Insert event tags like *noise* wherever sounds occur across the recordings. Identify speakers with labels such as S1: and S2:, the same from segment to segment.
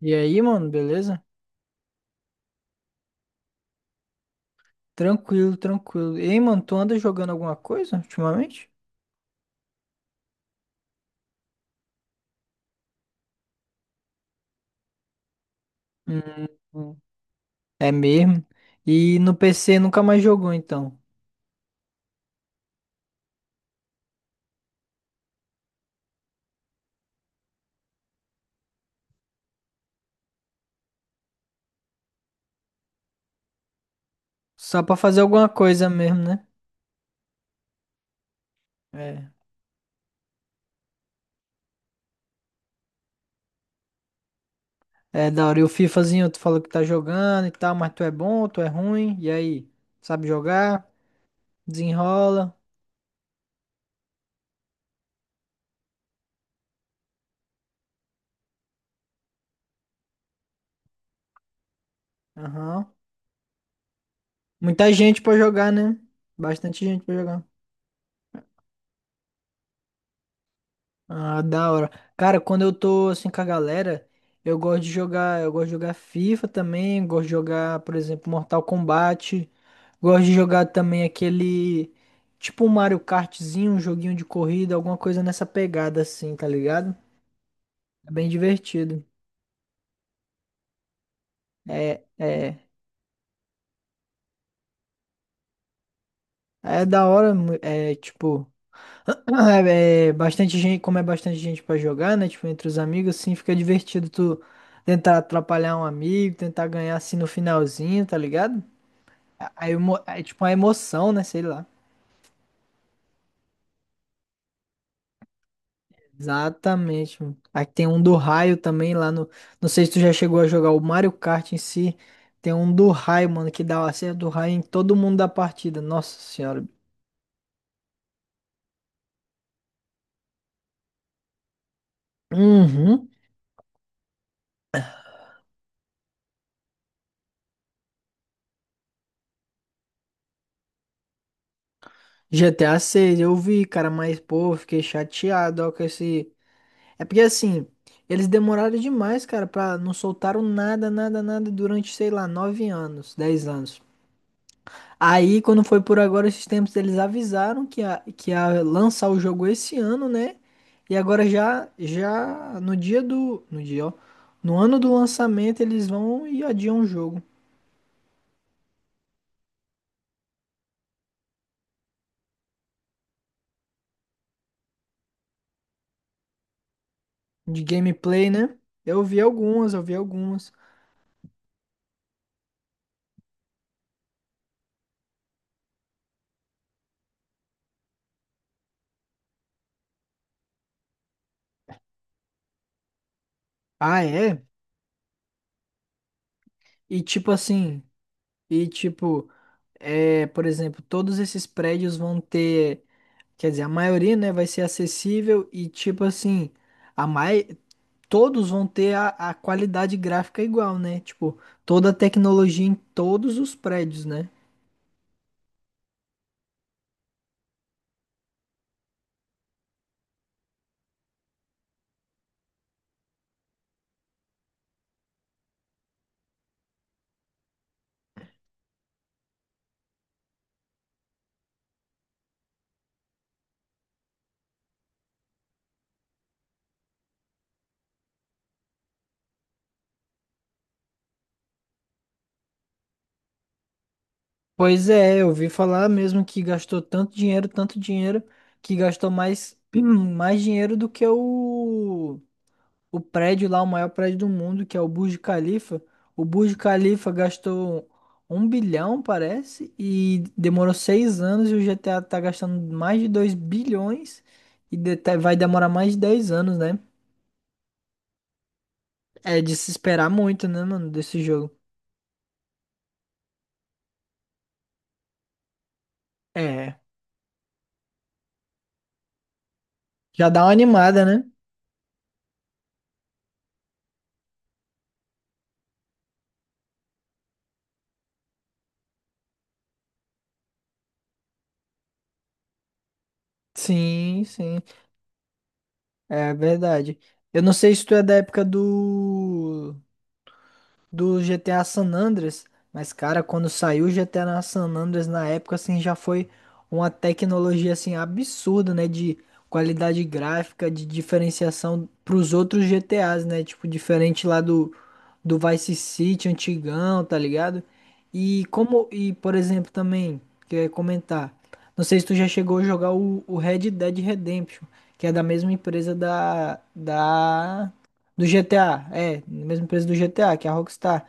S1: E aí, mano, beleza? Tranquilo, tranquilo. Ei, mano, tu anda jogando alguma coisa ultimamente? Hum, hum. É mesmo? E no PC nunca mais jogou, então. Só pra fazer alguma coisa mesmo, né? É. É, da hora. E o FIFAzinho, tu falou que tá jogando e tal, mas tu é bom, tu é ruim. E aí? Sabe jogar? Desenrola? Aham. Muita gente pra jogar, né? Bastante gente pra jogar. Ah, da hora. Cara, quando eu tô assim com a galera, eu gosto de jogar, FIFA também, gosto de jogar, por exemplo, Mortal Kombat, gosto de jogar também aquele tipo um Mario Kartzinho, um joguinho de corrida, alguma coisa nessa pegada assim, tá ligado? É bem divertido. É, é, é da hora, é tipo Ah, é bastante gente, como é bastante gente pra jogar, né? Tipo, entre os amigos, assim, fica divertido tu tentar atrapalhar um amigo, tentar ganhar assim no finalzinho, tá ligado? É tipo uma emoção, né? Sei lá. Exatamente, mano. Aí tem um do raio também lá no. Não sei se tu já chegou a jogar o Mario Kart em si. Tem um do raio, mano, que dá o acerto do raio em todo mundo da partida. Nossa senhora. Uhum. GTA 6, eu vi, cara, mas, pô, eu fiquei chateado, ó, com esse. É porque assim, eles demoraram demais, cara, pra não soltaram nada, nada, nada durante, sei lá, 9 anos, 10 anos. Aí, quando foi por agora esses tempos, eles avisaram que ia lançar o jogo esse ano, né? E agora já no dia no dia, ó, no ano do lançamento eles vão e adiam o jogo de gameplay, né? Eu vi algumas. Ah, é? E tipo assim, e tipo, é, por exemplo, todos esses prédios vão ter. Quer dizer, a maioria, né, vai ser acessível e tipo assim, a mai... todos vão ter a qualidade gráfica igual, né? Tipo, toda a tecnologia em todos os prédios, né? Pois é, eu ouvi falar mesmo que gastou tanto dinheiro, que gastou mais, *clears throat* mais dinheiro do que o prédio lá, o maior prédio do mundo, que é o Burj Khalifa. O Burj Khalifa gastou 1 bilhão, parece, e demorou 6 anos, e o GTA tá gastando mais de 2 bilhões vai demorar mais de 10 anos, né? É de se esperar muito, né, mano, desse jogo. É, já dá uma animada, né? Sim, sim, é verdade. Eu não sei se tu é da época do GTA San Andreas, mas cara, quando saiu o GTA na San Andreas na época assim já foi uma tecnologia assim absurda, né, de qualidade gráfica, de diferenciação para os outros GTAs, né? Tipo diferente lá do Vice City antigão, tá ligado? E como e por exemplo também que eu ia comentar, não sei se tu já chegou a jogar o Red Dead Redemption, que é da mesma empresa da é, na mesma empresa do GTA, que é a Rockstar.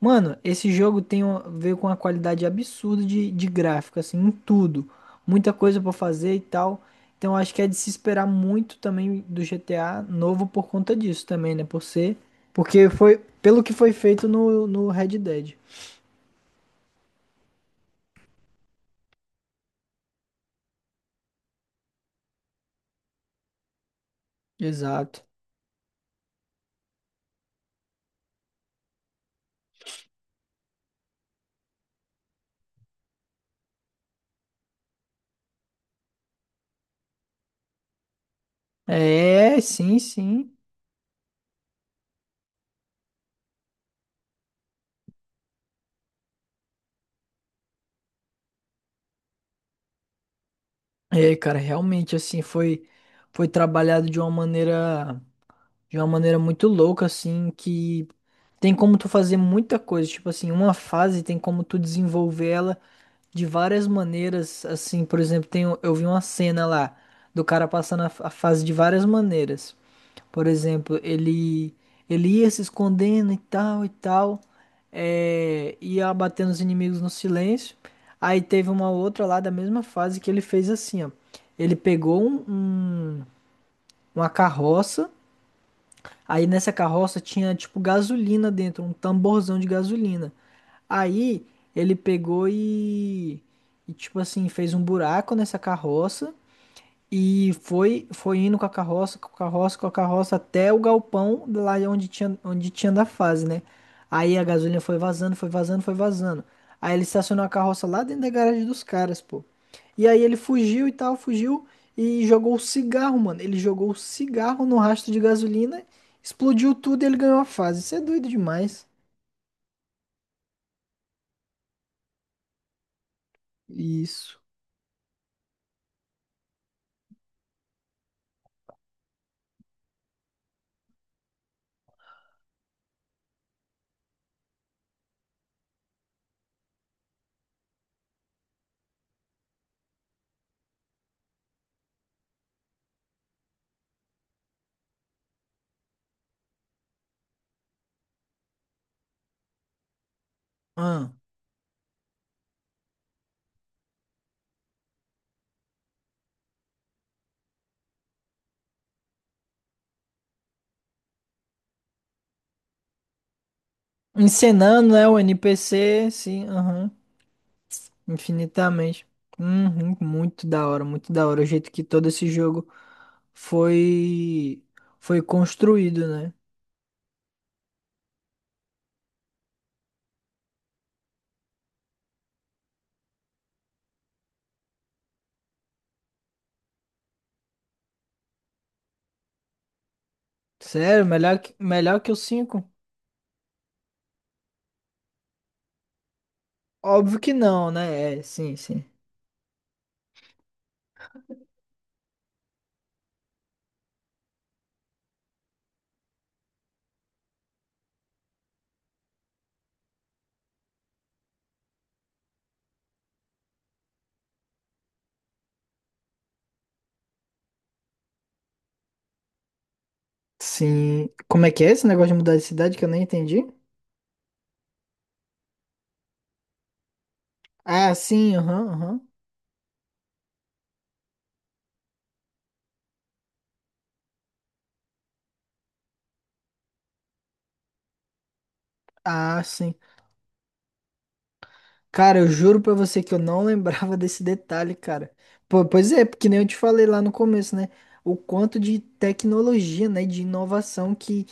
S1: Mano, esse jogo veio com uma qualidade absurda de gráfico, assim, em tudo. Muita coisa pra fazer e tal. Então acho que é de se esperar muito também do GTA novo por conta disso também, né? Porque foi pelo que foi feito no Red Dead. Exato. Sim. É, cara, realmente assim foi trabalhado de uma maneira, de uma maneira muito louca, assim, que tem como tu fazer muita coisa. Tipo assim, uma fase tem como tu desenvolver ela de várias maneiras. Assim, por exemplo, eu vi uma cena lá do cara passando a fase de várias maneiras. Por exemplo, ele ia se escondendo e tal, é, ia abatendo os inimigos no silêncio. Aí teve uma outra lá da mesma fase que ele fez assim, ó. Ele pegou um, um- uma carroça. Aí nessa carroça tinha tipo gasolina dentro, um tamborzão de gasolina. Aí ele pegou e tipo assim, fez um buraco nessa carroça e foi indo com a carroça, com a carroça até o galpão lá onde tinha da fase, né? Aí a gasolina foi vazando, foi vazando. Aí ele estacionou a carroça lá dentro da garagem dos caras, pô. E aí ele fugiu e tal, fugiu e jogou o cigarro, mano. Ele jogou o cigarro no rastro de gasolina, explodiu tudo e ele ganhou a fase. Isso é doido demais. Isso. Ah. Encenando, né, o NPC, sim, aham. Infinitamente. Uhum, muito da hora, muito da hora. O jeito que todo esse jogo foi foi construído, né? Sério, melhor que o cinco. Óbvio que não, né? Sim. Sim. Como é que é esse negócio de mudar de cidade que eu nem entendi? Ah, aham. Ah, sim. Cara, eu juro pra você que eu não *laughs* lembrava desse detalhe, cara. Pois é, porque nem eu te falei lá no começo, né? O quanto de tecnologia, né? De inovação que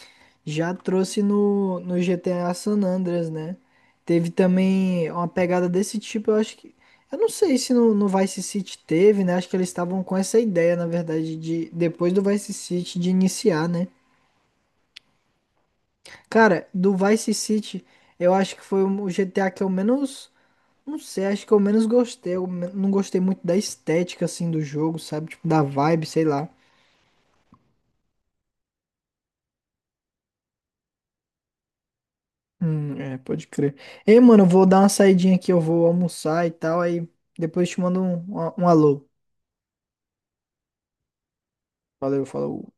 S1: já trouxe no GTA San Andreas, né? Teve também uma pegada desse tipo, eu acho que. Eu não sei se no Vice City teve, né? Acho que eles estavam com essa ideia, na verdade, de depois do Vice City de iniciar, né? Cara, do Vice City, eu acho que foi o GTA que eu menos. Não sei, acho que eu menos gostei. Não gostei muito da estética, assim, do jogo, sabe? Tipo, da vibe, sei lá. É, pode crer. Ei, mano, eu vou dar uma saidinha aqui, eu vou almoçar e tal. Aí depois te mando um alô. Valeu, falou.